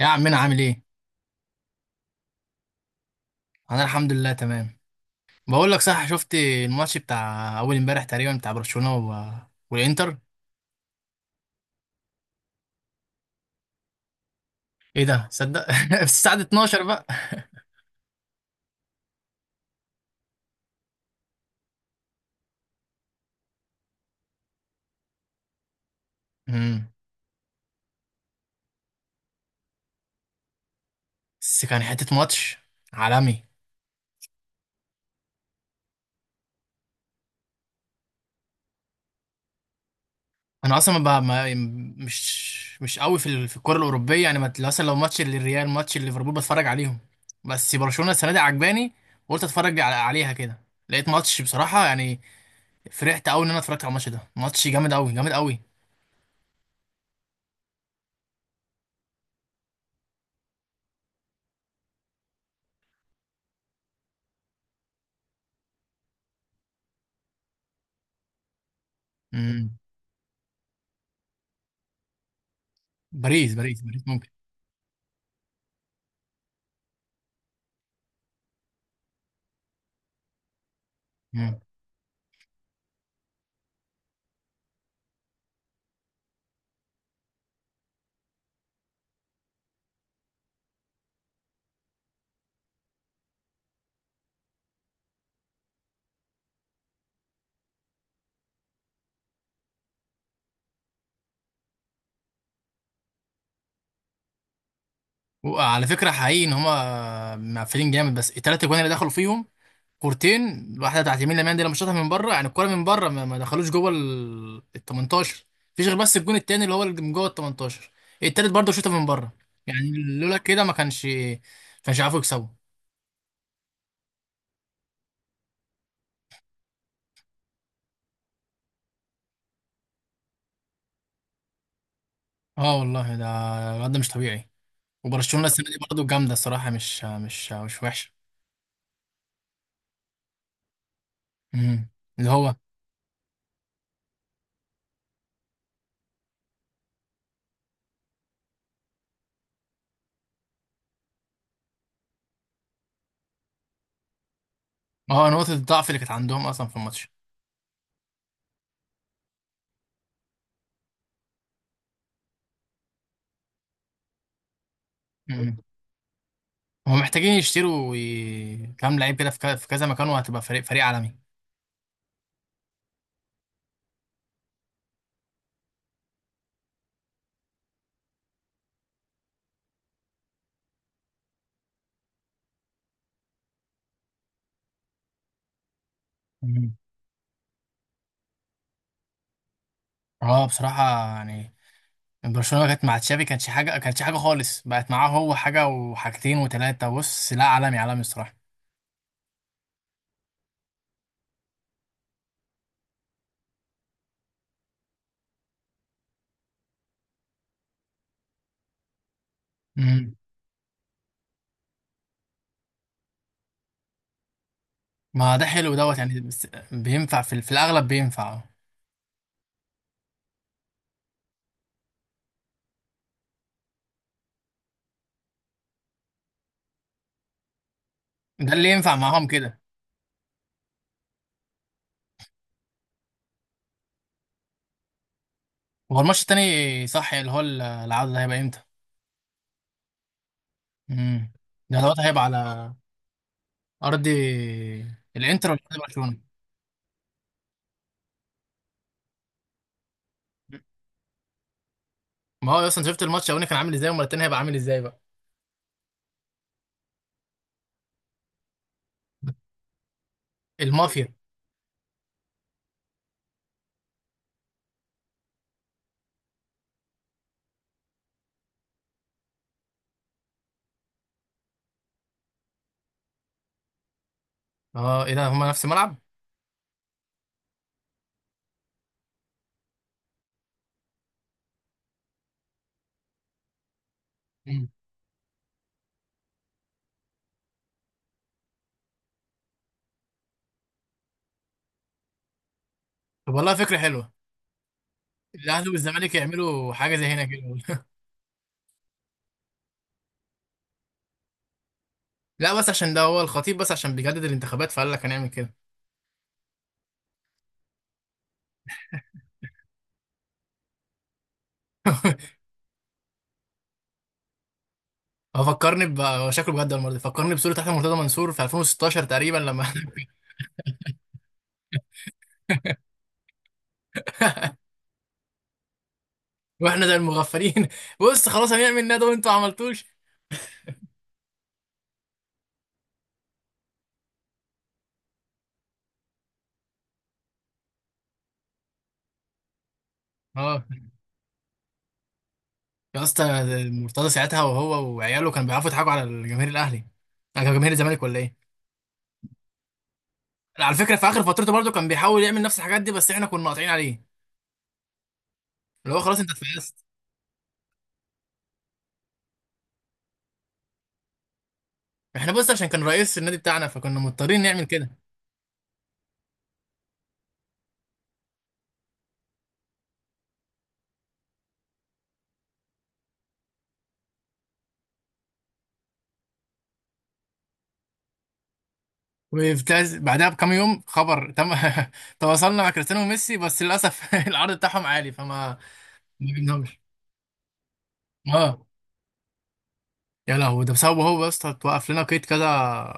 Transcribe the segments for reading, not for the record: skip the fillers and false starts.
يا عمنا عامل ايه؟ انا الحمد لله تمام. بقول لك صح، شفت الماتش بتاع اول امبارح تقريبا بتاع برشلونة والانتر؟ ايه ده صدق! في الساعة 12 بقى. امم بس كان حتة ماتش عالمي. انا اصلا ما ب- ما مش قوي في الكرة الأوروبية، يعني ما مثلا لو ماتش للريال، ماتش ليفربول، بتفرج عليهم. بس برشلونة السنة دي عجباني، وقلت اتفرج عليها كده. لقيت ماتش بصراحة يعني، فرحت قوي ان انا اتفرجت على الماتش ده. ماتش جامد قوي، جامد قوي. امم باريس باريس باريس ممكن. مم. وعلى فكره، حقيقي ان هما مقفلين جامد، بس الثلاثه جوان اللي دخلوا فيهم كورتين، واحده بتاعت يمين لمال دي لما شاطها من بره يعني، الكوره من بره ما دخلوش جوه ال 18. مفيش غير بس الجون التاني اللي هو اللي من جوه ال 18. التالت برضه شاطها من بره. يعني لولا كده، ما كانش عارفوا يكسبوا. اه والله، ده الواد ده مش طبيعي. وبرشلونه السنه دي برضه جامده الصراحه، مش وحشه. مم. اللي هو اه، نقطه الضعف اللي كانت عندهم اصلا في الماتش. هم محتاجين يشتروا كام لعيب كده في في كذا مكان، وهتبقى فريق فريق عالمي. مم. اه بصراحة، يعني برشلونة كانت مع تشافي كانتش حاجة، كانتش حاجة خالص، بقت معاه هو حاجة وحاجتين وتلاتة. بص لا، عالمي عالمي الصراحة. مم. ما ده حلو دوت يعني، بس بينفع في الأغلب بينفع. ده اللي ينفع معاهم كده. هو الماتش التاني صح، اللي هو العودة ده هيبقى امتى؟ مم. ده دوت هيبقى على أرض الإنتر ولا أرض برشلونة؟ ما هو أصلا شفت الماتش الأولاني كان عامل ازاي، والمرة التانية هيبقى عامل ازاي بقى. المافيا. اه ايه ده، هما نفس الملعب! مم. طب والله فكره حلوه، الاهلي والزمالك يعملوا حاجه زي هنا كده لا بس عشان ده هو الخطيب، بس عشان بيجدد الانتخابات فقال لك هنعمل كده. هو فكرني ب هو شكله بجد المره دي، فكرني بصوره تحت مرتضى منصور في 2016 تقريبا لما واحنا زي المغفلين بص خلاص، هنعمل ندوه وانتوا ما عملتوش. اه يا اسطى، مرتضى ساعتها وهو وعياله كانوا بيعرفوا يضحكوا على جماهير الاهلي، على جماهير الزمالك، ولا ايه؟ على فكره في اخر فترته برضه كان بيحاول يعمل نفس الحاجات دي، بس احنا كنا قاطعين عليه، اللي هو خلاص انت اتفقست. احنا بص، عشان كان رئيس النادي بتاعنا فكنا مضطرين نعمل كده. بعدها بكام يوم خبر تم: تواصلنا مع كريستيانو وميسي بس للاسف العرض بتاعهم عالي، ما جبناهمش. اه. يا لهوي، ده بسببه هو يا اسطى، اتوقف لنا قيد كذا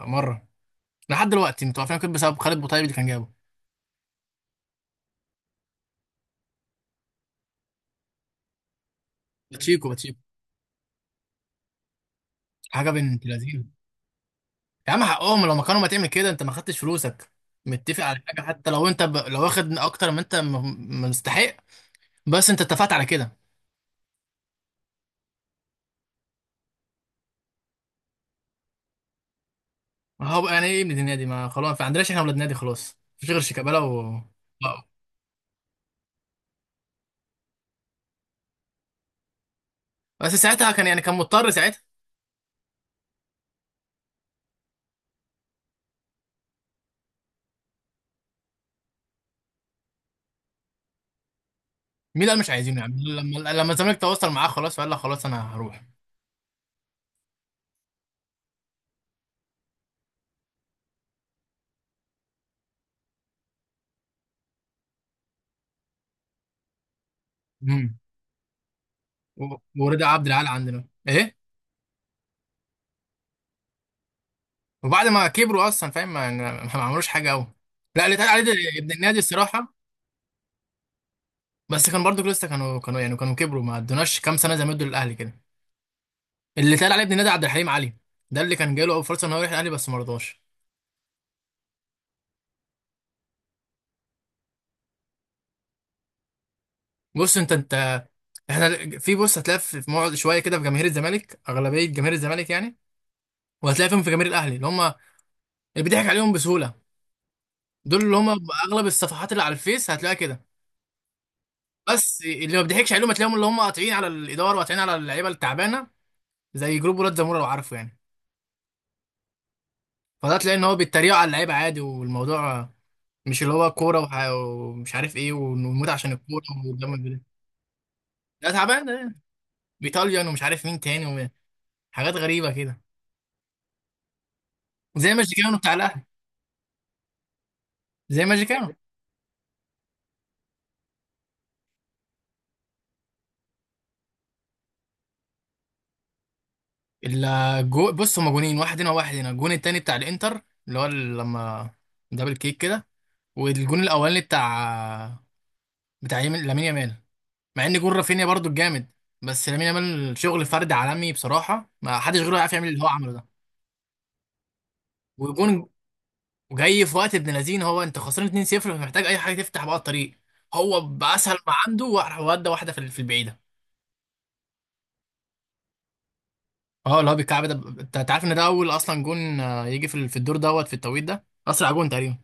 مره. لحد دلوقتي متوقف لنا قيد بسبب خالد بوطيب اللي كان جابه. باتشيكو باتشيكو، حاجه بنت لذينه. يا عم حقهم، لو ما كانوا ما تعمل كده، انت ما خدتش فلوسك، متفق على حاجه؟ حتى لو انت لو واخد اكتر ما انت مستحق، بس انت اتفقت على كده. ما هو يعني ايه ابن نادي؟ ما خلاص، ما عندناش احنا ولاد نادي، خلاص مفيش غير شيكابالا و... آه. بس ساعتها كان، يعني كان مضطر ساعتها. مين قال مش عايزينه؟ يعني لما الزمالك تواصل معاه خلاص فقال لا خلاص انا هروح. امم ورضا عبد العال عندنا ايه؟ وبعد ما كبروا اصلا فاهم، ما عملوش حاجه قوي. لا، اللي اتقال عليه ده ابن النادي الصراحه، بس كان برضو لسه كانوا يعني كانوا كبروا، ما ادوناش كام سنه زي ما ادوا للاهلي كده. اللي اتقال عليه ابن النادي عبد الحليم علي، ده اللي كان جاي له اول فرصه ان هو يروح الاهلي بس ما رضاش. بص انت، احنا في، بص، هتلاقي في مقعد شويه كده في جماهير الزمالك، اغلبيه جماهير الزمالك يعني، وهتلاقي فيهم في جماهير الاهلي اللي هم اللي بيضحك عليهم بسهوله، دول اللي هم اغلب الصفحات اللي على الفيس هتلاقيها كده. بس اللي ما بيضحكش عليهم هتلاقيهم اللي هم قاطعين على الاداره وقاطعين على اللعيبه التعبانه، زي جروب ولاد زموره لو عارفه يعني. فده تلاقي ان هو بيتريقوا على اللعيبه عادي، والموضوع مش اللي هو كوره ومش عارف ايه، ونموت عشان الكوره والدم ده. ده تعبان ده، ايطاليان ومش عارف مين تاني وحاجات غريبه كده، زي ما كانوا بتاع الاهلي، زي ماجيكانو. الجو بص، هما جونين: واحد هنا وواحد هنا. الجون التاني بتاع الانتر، اللي هو لما دبل كيك كده. والجون الاولاني بتاع يمين لامين يامال، مع ان جون رافينيا برضو الجامد، بس لامين يامال شغل فرد عالمي بصراحه، ما حدش غيره يعرف يعمل اللي هو عمله ده. وجون جاي في وقت ابن لذين، هو انت خسران 2-0 فمحتاج اي حاجه تفتح بقى الطريق، هو باسهل ما عنده وراح ودى واحده في البعيده. اه، اللي هو بالكعب ده، انت عارف ان ده اول اصلا جون، يجي في الدور دوت، في التوقيت ده اسرع جون تقريبا.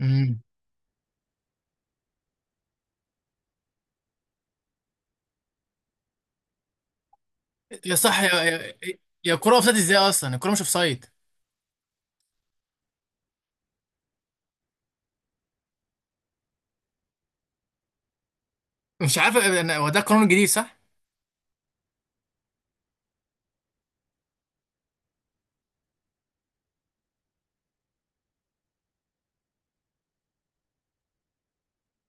امم يا صح يا يا, يا كرة اوفسايد، ازاي اصلا الكرة مش اوفسايد؟ مش عارف انا، هو ده القانون الجديد صح؟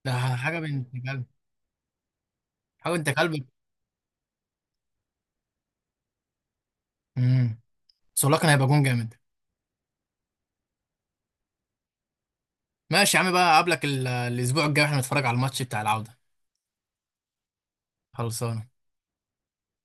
ده حاجة بنت كلب، حاجة بنت كلب. امم سولاكا هيبقى جون جامد. ماشي يا عم بقى، اقابلك الاسبوع الجاي واحنا نتفرج على الماتش بتاع العودة. خلصانة.